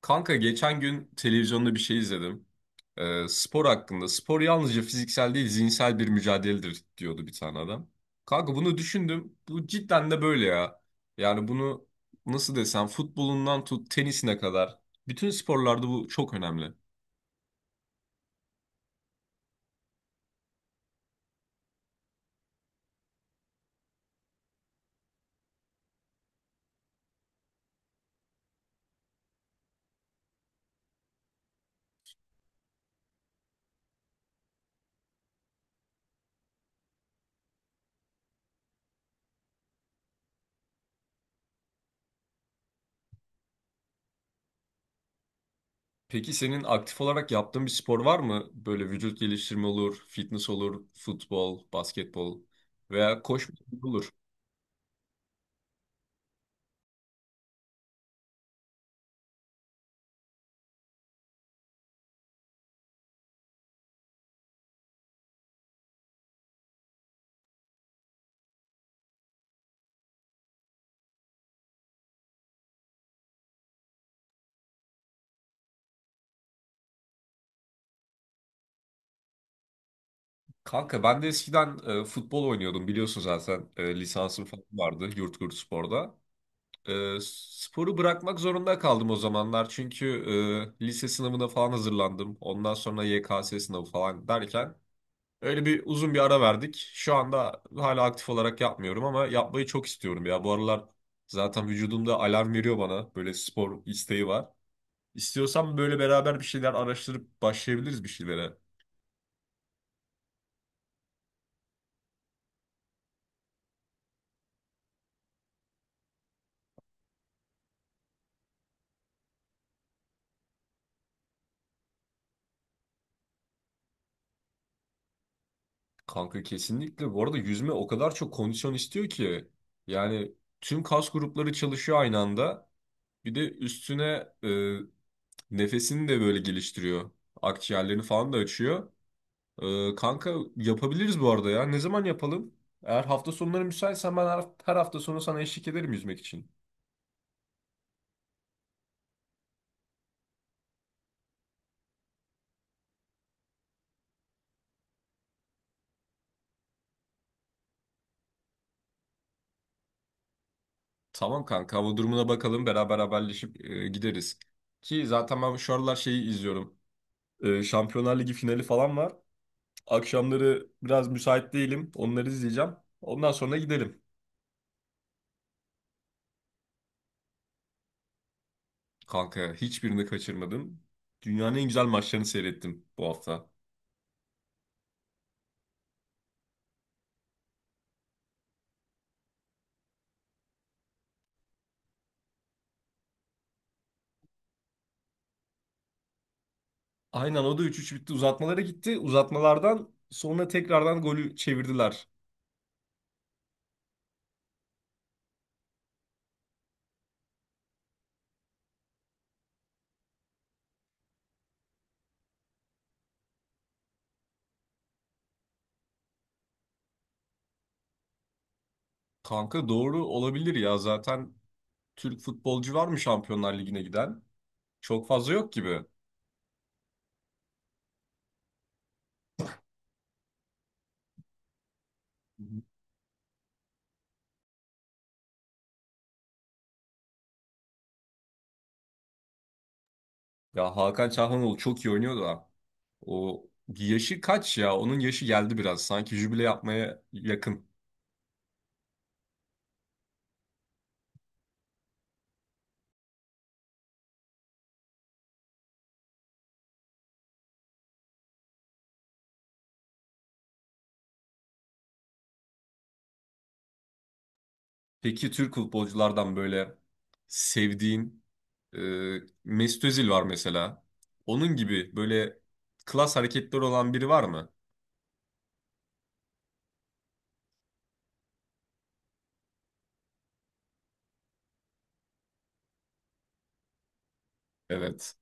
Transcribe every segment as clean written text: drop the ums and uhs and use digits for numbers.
Kanka geçen gün televizyonda bir şey izledim. Spor hakkında. Spor yalnızca fiziksel değil zihinsel bir mücadeledir diyordu bir tane adam. Kanka bunu düşündüm. Bu cidden de böyle ya. Yani bunu nasıl desem futbolundan tut tenisine kadar. Bütün sporlarda bu çok önemli. Peki senin aktif olarak yaptığın bir spor var mı? Böyle vücut geliştirme olur, fitness olur, futbol, basketbol veya koşma olur. Kanka ben de eskiden futbol oynuyordum biliyorsun zaten lisansım falan vardı Yurtgurt Spor'da. Sporu bırakmak zorunda kaldım o zamanlar çünkü lise sınavına falan hazırlandım. Ondan sonra YKS sınavı falan derken öyle bir uzun bir ara verdik. Şu anda hala aktif olarak yapmıyorum ama yapmayı çok istiyorum ya. Bu aralar zaten vücudumda alarm veriyor bana böyle spor isteği var. İstiyorsan böyle beraber bir şeyler araştırıp başlayabiliriz bir şeylere. Kanka kesinlikle. Bu arada yüzme o kadar çok kondisyon istiyor ki. Yani tüm kas grupları çalışıyor aynı anda. Bir de üstüne nefesini de böyle geliştiriyor. Akciğerlerini falan da açıyor. Kanka yapabiliriz bu arada ya. Ne zaman yapalım? Eğer hafta sonları müsaitsen ben her hafta sonu sana eşlik ederim yüzmek için. Tamam kanka hava durumuna bakalım. Beraber haberleşip gideriz. Ki zaten ben şu aralar şeyi izliyorum. Şampiyonlar Ligi finali falan var. Akşamları biraz müsait değilim. Onları izleyeceğim. Ondan sonra gidelim. Kanka hiçbirini kaçırmadım. Dünyanın en güzel maçlarını seyrettim bu hafta. Aynen o da üç üç bitti. Uzatmalara gitti. Uzatmalardan sonra tekrardan golü çevirdiler. Kanka doğru olabilir ya. Zaten Türk futbolcu var mı Şampiyonlar Ligi'ne giden? Çok fazla yok gibi. Hı hı. Ya Hakan Çalhanoğlu çok iyi oynuyor da. O yaşı kaç ya? Onun yaşı geldi biraz. Sanki jübile yapmaya yakın. Peki Türk futbolculardan böyle sevdiğin, e, Mesut Özil var mesela. Onun gibi böyle klas hareketleri olan biri var mı? Evet.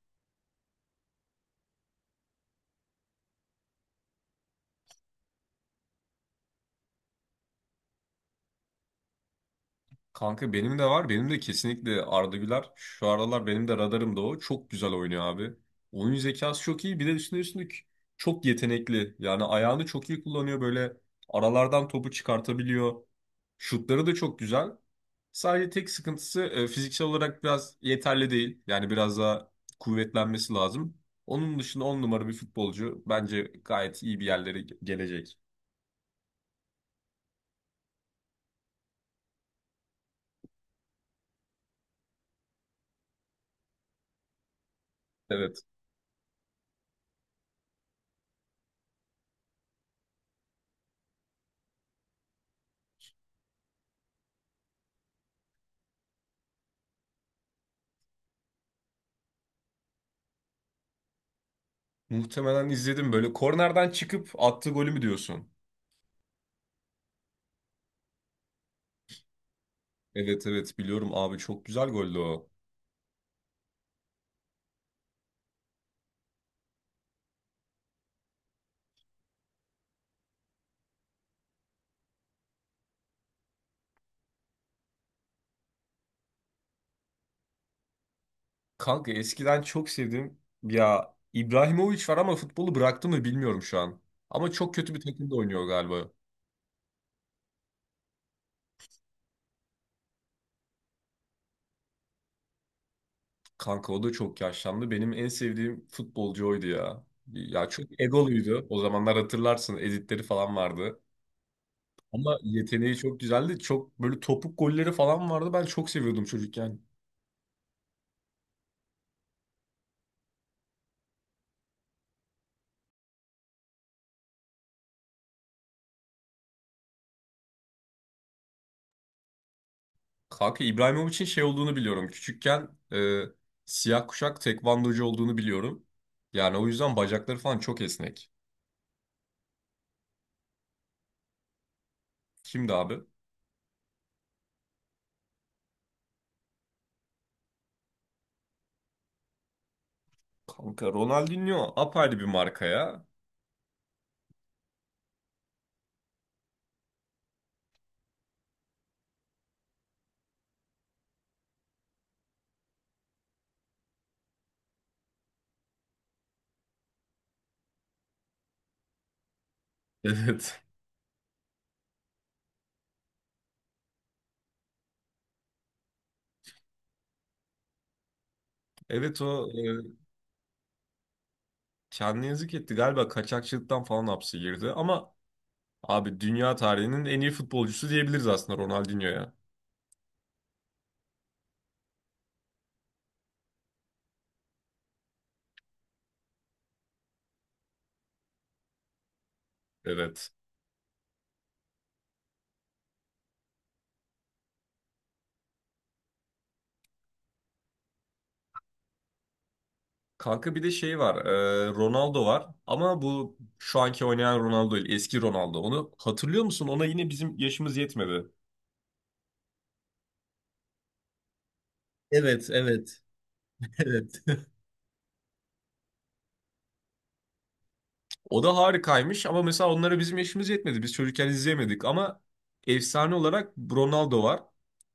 Kanka benim de var. Benim de kesinlikle Arda Güler. Şu aralar benim de radarımda o. Çok güzel oynuyor abi. Oyun zekası çok iyi. Bir de üstüne üstlük çok yetenekli. Yani ayağını çok iyi kullanıyor. Böyle aralardan topu çıkartabiliyor. Şutları da çok güzel. Sadece tek sıkıntısı fiziksel olarak biraz yeterli değil. Yani biraz daha kuvvetlenmesi lazım. Onun dışında on numara bir futbolcu. Bence gayet iyi bir yerlere gelecek. Evet. Muhtemelen izledim. Böyle kornerden çıkıp attığı golü mü diyorsun? Evet, evet, biliyorum abi çok güzel goldü o. Kanka eskiden çok sevdim. Ya İbrahimovic var ama futbolu bıraktı mı bilmiyorum şu an. Ama çok kötü bir takımda oynuyor galiba. Kanka o da çok yaşlandı. Benim en sevdiğim futbolcu oydu ya. Ya çok egoluydu. O zamanlar hatırlarsın editleri falan vardı. Ama yeteneği çok güzeldi. Çok böyle topuk golleri falan vardı. Ben çok seviyordum çocukken. Kanka İbrahimovic'in şey olduğunu biliyorum. Küçükken siyah kuşak tekvandocu olduğunu biliyorum. Yani o yüzden bacakları falan çok esnek. Kimdi abi? Kanka Ronaldinho apayrı bir marka ya. Evet. Evet o kendine yazık etti. Galiba kaçakçılıktan falan hapse girdi. Ama abi dünya tarihinin en iyi futbolcusu diyebiliriz aslında Ronaldinho'ya. Evet. Kanka bir de şey var. Ronaldo var. Ama bu şu anki oynayan Ronaldo değil. Eski Ronaldo. Onu hatırlıyor musun? Ona yine bizim yaşımız yetmedi. Evet, evet, evet. O da harikaymış ama mesela onlara bizim yaşımız yetmedi. Biz çocukken izleyemedik ama efsane olarak Ronaldo var.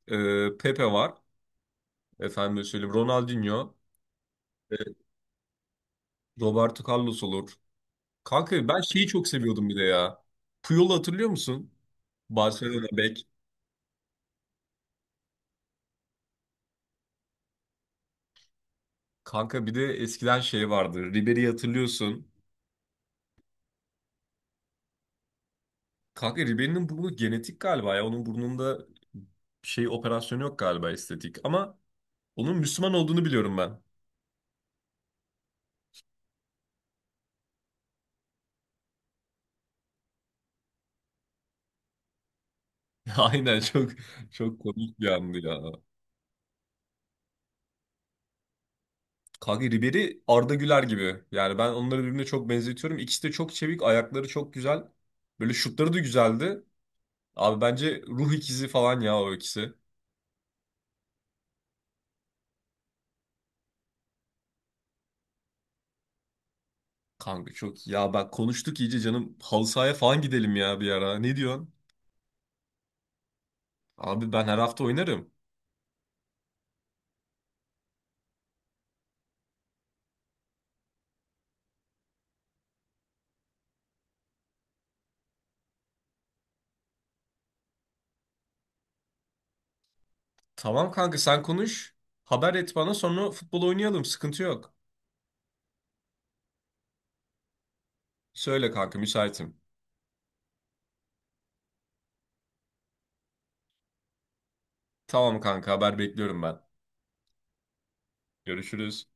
Pepe var. Efendim söyleyeyim Ronaldinho. e, Roberto Carlos olur. Kanka ben şeyi çok seviyordum bir de ya. Puyol'u hatırlıyor musun? Barcelona bek. Kanka bir de eskiden şey vardı. Ribery'i hatırlıyorsun. Kanka Ribery'nin burnu genetik galiba ya. Onun burnunda şey operasyonu yok galiba estetik. Ama onun Müslüman olduğunu biliyorum ben. Aynen çok komik bir andı ya. Kanka Ribery Arda Güler gibi. Yani ben onları birbirine çok benzetiyorum. İkisi de çok çevik, ayakları çok güzel. Böyle şutları da güzeldi. Abi bence ruh ikizi falan ya o ikisi. Kanka çok ya bak konuştuk iyice canım halı sahaya falan gidelim ya bir ara. Ne diyorsun? Abi ben her hafta oynarım. Tamam kanka sen konuş. Haber et bana sonra futbol oynayalım. Sıkıntı yok. Söyle kanka müsaitim. Tamam kanka haber bekliyorum ben. Görüşürüz.